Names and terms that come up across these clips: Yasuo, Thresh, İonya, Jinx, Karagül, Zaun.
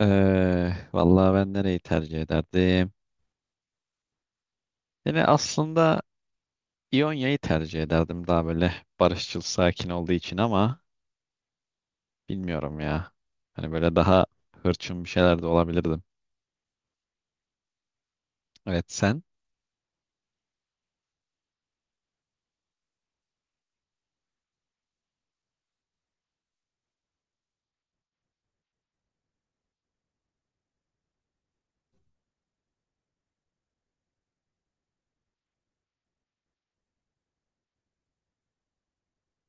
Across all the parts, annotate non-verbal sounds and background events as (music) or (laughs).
Vallahi ben nereyi tercih ederdim? Yani aslında İonya'yı tercih ederdim, daha böyle barışçıl, sakin olduğu için, ama bilmiyorum ya. Hani böyle daha hırçın bir şeyler de olabilirdim. Evet, sen?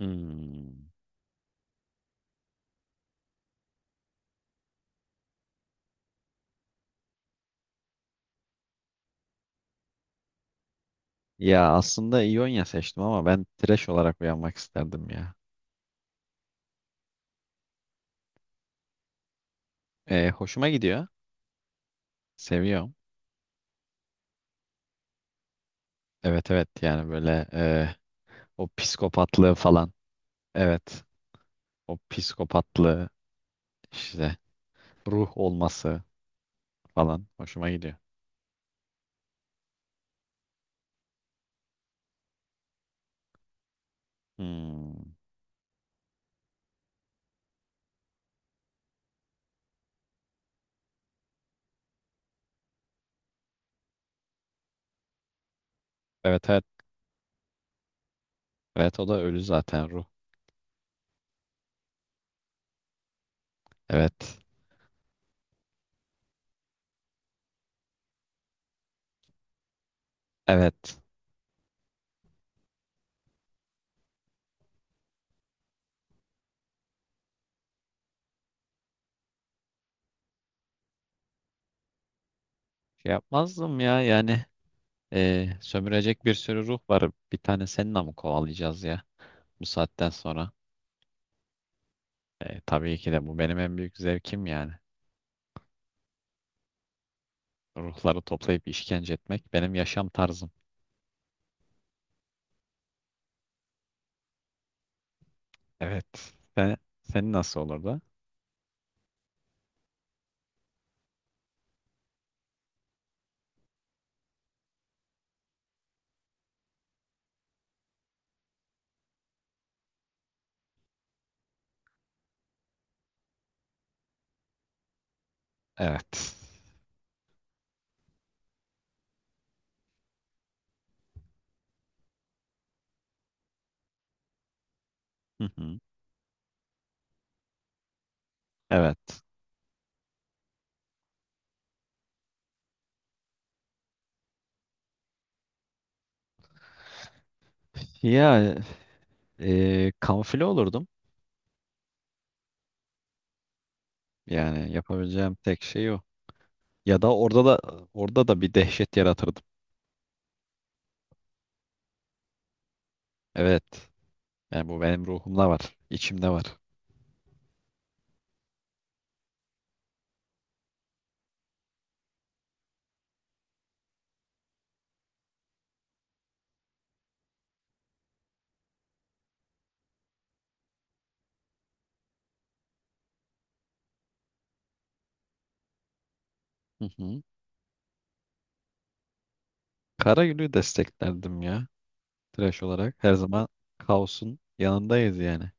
Hmm. Ya aslında İonya seçtim ama ben Thresh olarak uyanmak isterdim ya. Hoşuma gidiyor. Seviyorum. Evet, evet, yani böyle o psikopatlığı falan. Evet, o psikopatlığı işte, ruh olması falan hoşuma gidiyor. Hmm. Evet, evet. Evet, o da ölü zaten, ruh. Evet. Evet. Şey yapmazdım ya, yani sömürecek bir sürü ruh var. Bir tane seninle mi kovalayacağız ya bu saatten sonra? Tabii ki de, bu benim en büyük zevkim yani. Ruhları toplayıp işkence etmek benim yaşam tarzım. Evet. Senin nasıl olurdu? Evet. Hı hı. Evet. Ya kamufle olurdum. Yani yapabileceğim tek şey o. Ya da orada da bir dehşet yaratırdım. Evet. Yani bu benim ruhumda var, içimde var. Hı hı. Karagül'ü desteklerdim ya. Trash olarak. Her zaman kaosun yanındayız yani.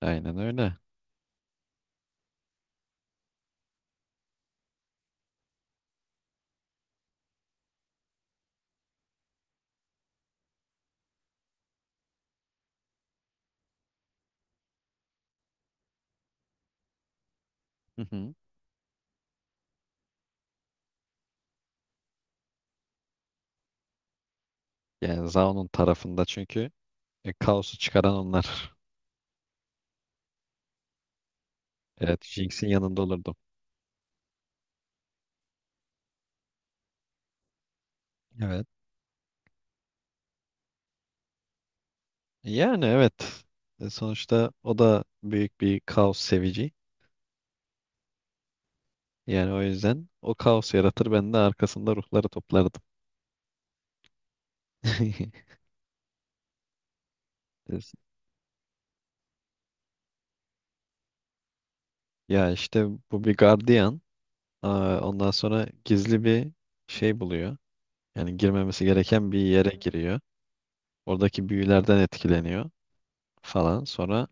Aynen öyle. Hı hı. Yani Zaun'un tarafında, çünkü kaosu çıkaran onlar. Evet, Jinx'in yanında olurdum. Evet. Yani evet. Sonuçta o da büyük bir kaos sevici. Yani o yüzden o kaos yaratır, ben de arkasında ruhları toplardım. (laughs) Ya işte, bu bir gardiyan. Aa, ondan sonra gizli bir şey buluyor. Yani girmemesi gereken bir yere giriyor. Oradaki büyülerden etkileniyor falan. Sonra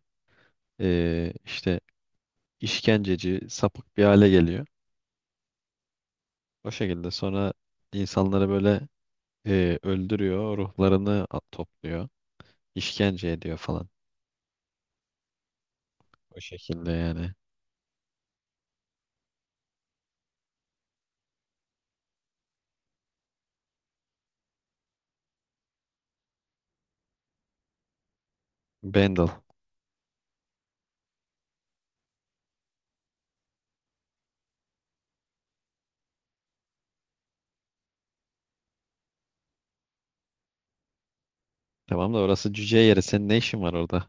işte işkenceci, sapık bir hale geliyor. O şekilde sonra insanları böyle öldürüyor, ruhlarını at topluyor, işkence ediyor falan. O şekilde yani. Bendel, tamam da orası cüce yeri. Senin ne işin var orada?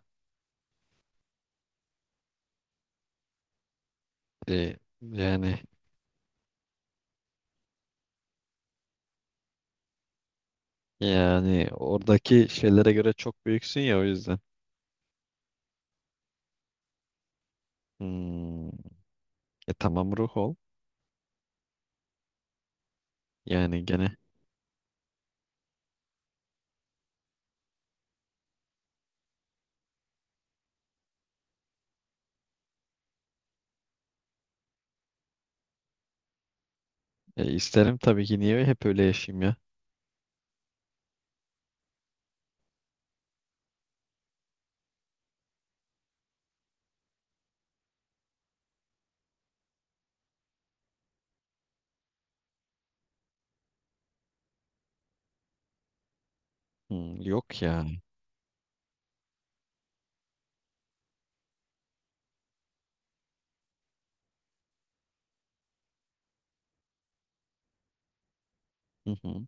E, yani yani oradaki şeylere göre çok büyüksün ya, o yüzden. Hmm, tamam, ruh ol. Yani gene isterim tabii ki, niye hep öyle yaşayayım ya? Hmm, yok ya. Hı hı.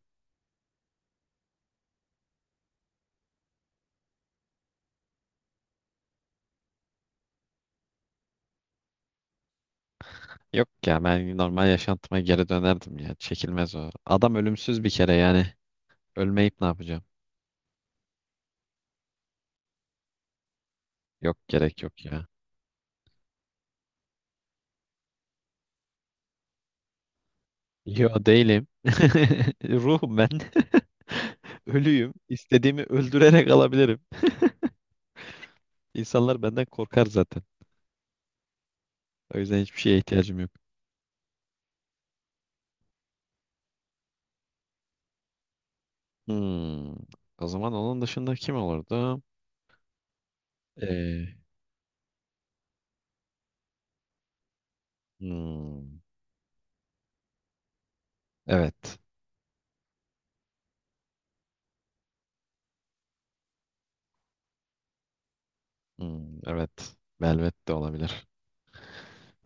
Yok ya, ben normal yaşantıma geri dönerdim ya. Çekilmez o. Adam ölümsüz bir kere yani. Ölmeyip ne yapacağım? Yok, gerek yok ya. Yo, değilim. (laughs) Ruhum ben. (laughs) Ölüyüm. İstediğimi öldürerek alabilirim. (laughs) İnsanlar benden korkar zaten. O yüzden hiçbir şeye ihtiyacım yok. Hmm. O zaman onun dışında kim olurdu? Ee, hmm. Evet. Hmm, evet. Velvet de olabilir.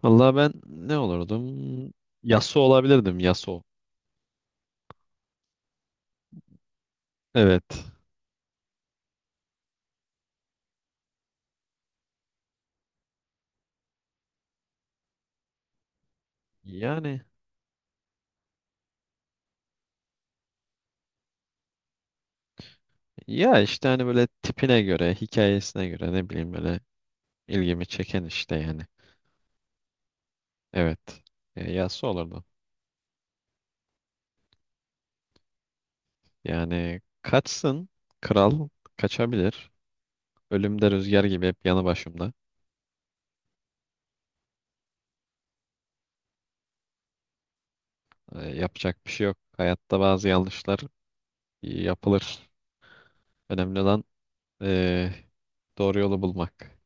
Vallahi ben ne olurdum? Yasuo olabilirdim. Yasuo. Evet. Yani işte hani böyle tipine göre, hikayesine göre, ne bileyim, böyle ilgimi çeken işte yani. Evet. Yası olurdu. Yani kaçsın. Kral kaçabilir. Ölümde rüzgar gibi hep yanı başımda. Yapacak bir şey yok. Hayatta bazı yanlışlar yapılır. Önemli olan e, doğru yolu bulmak.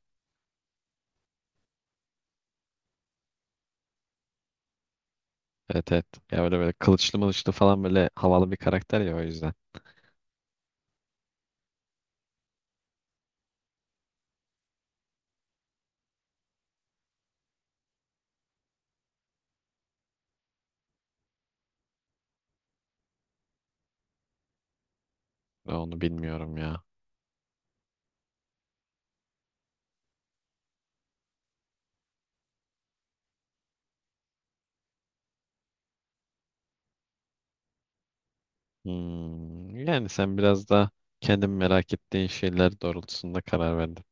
Evet, evet. Ya böyle böyle kılıçlı mılıçlı falan, böyle havalı bir karakter ya, o yüzden. Ben onu bilmiyorum ya. Hmm, yani sen biraz da kendin merak ettiğin şeyler doğrultusunda karar verdin.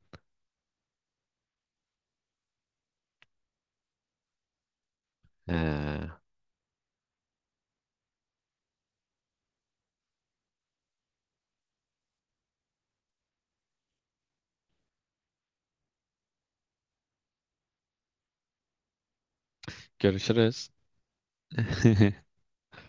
He. Görüşürüz. (laughs)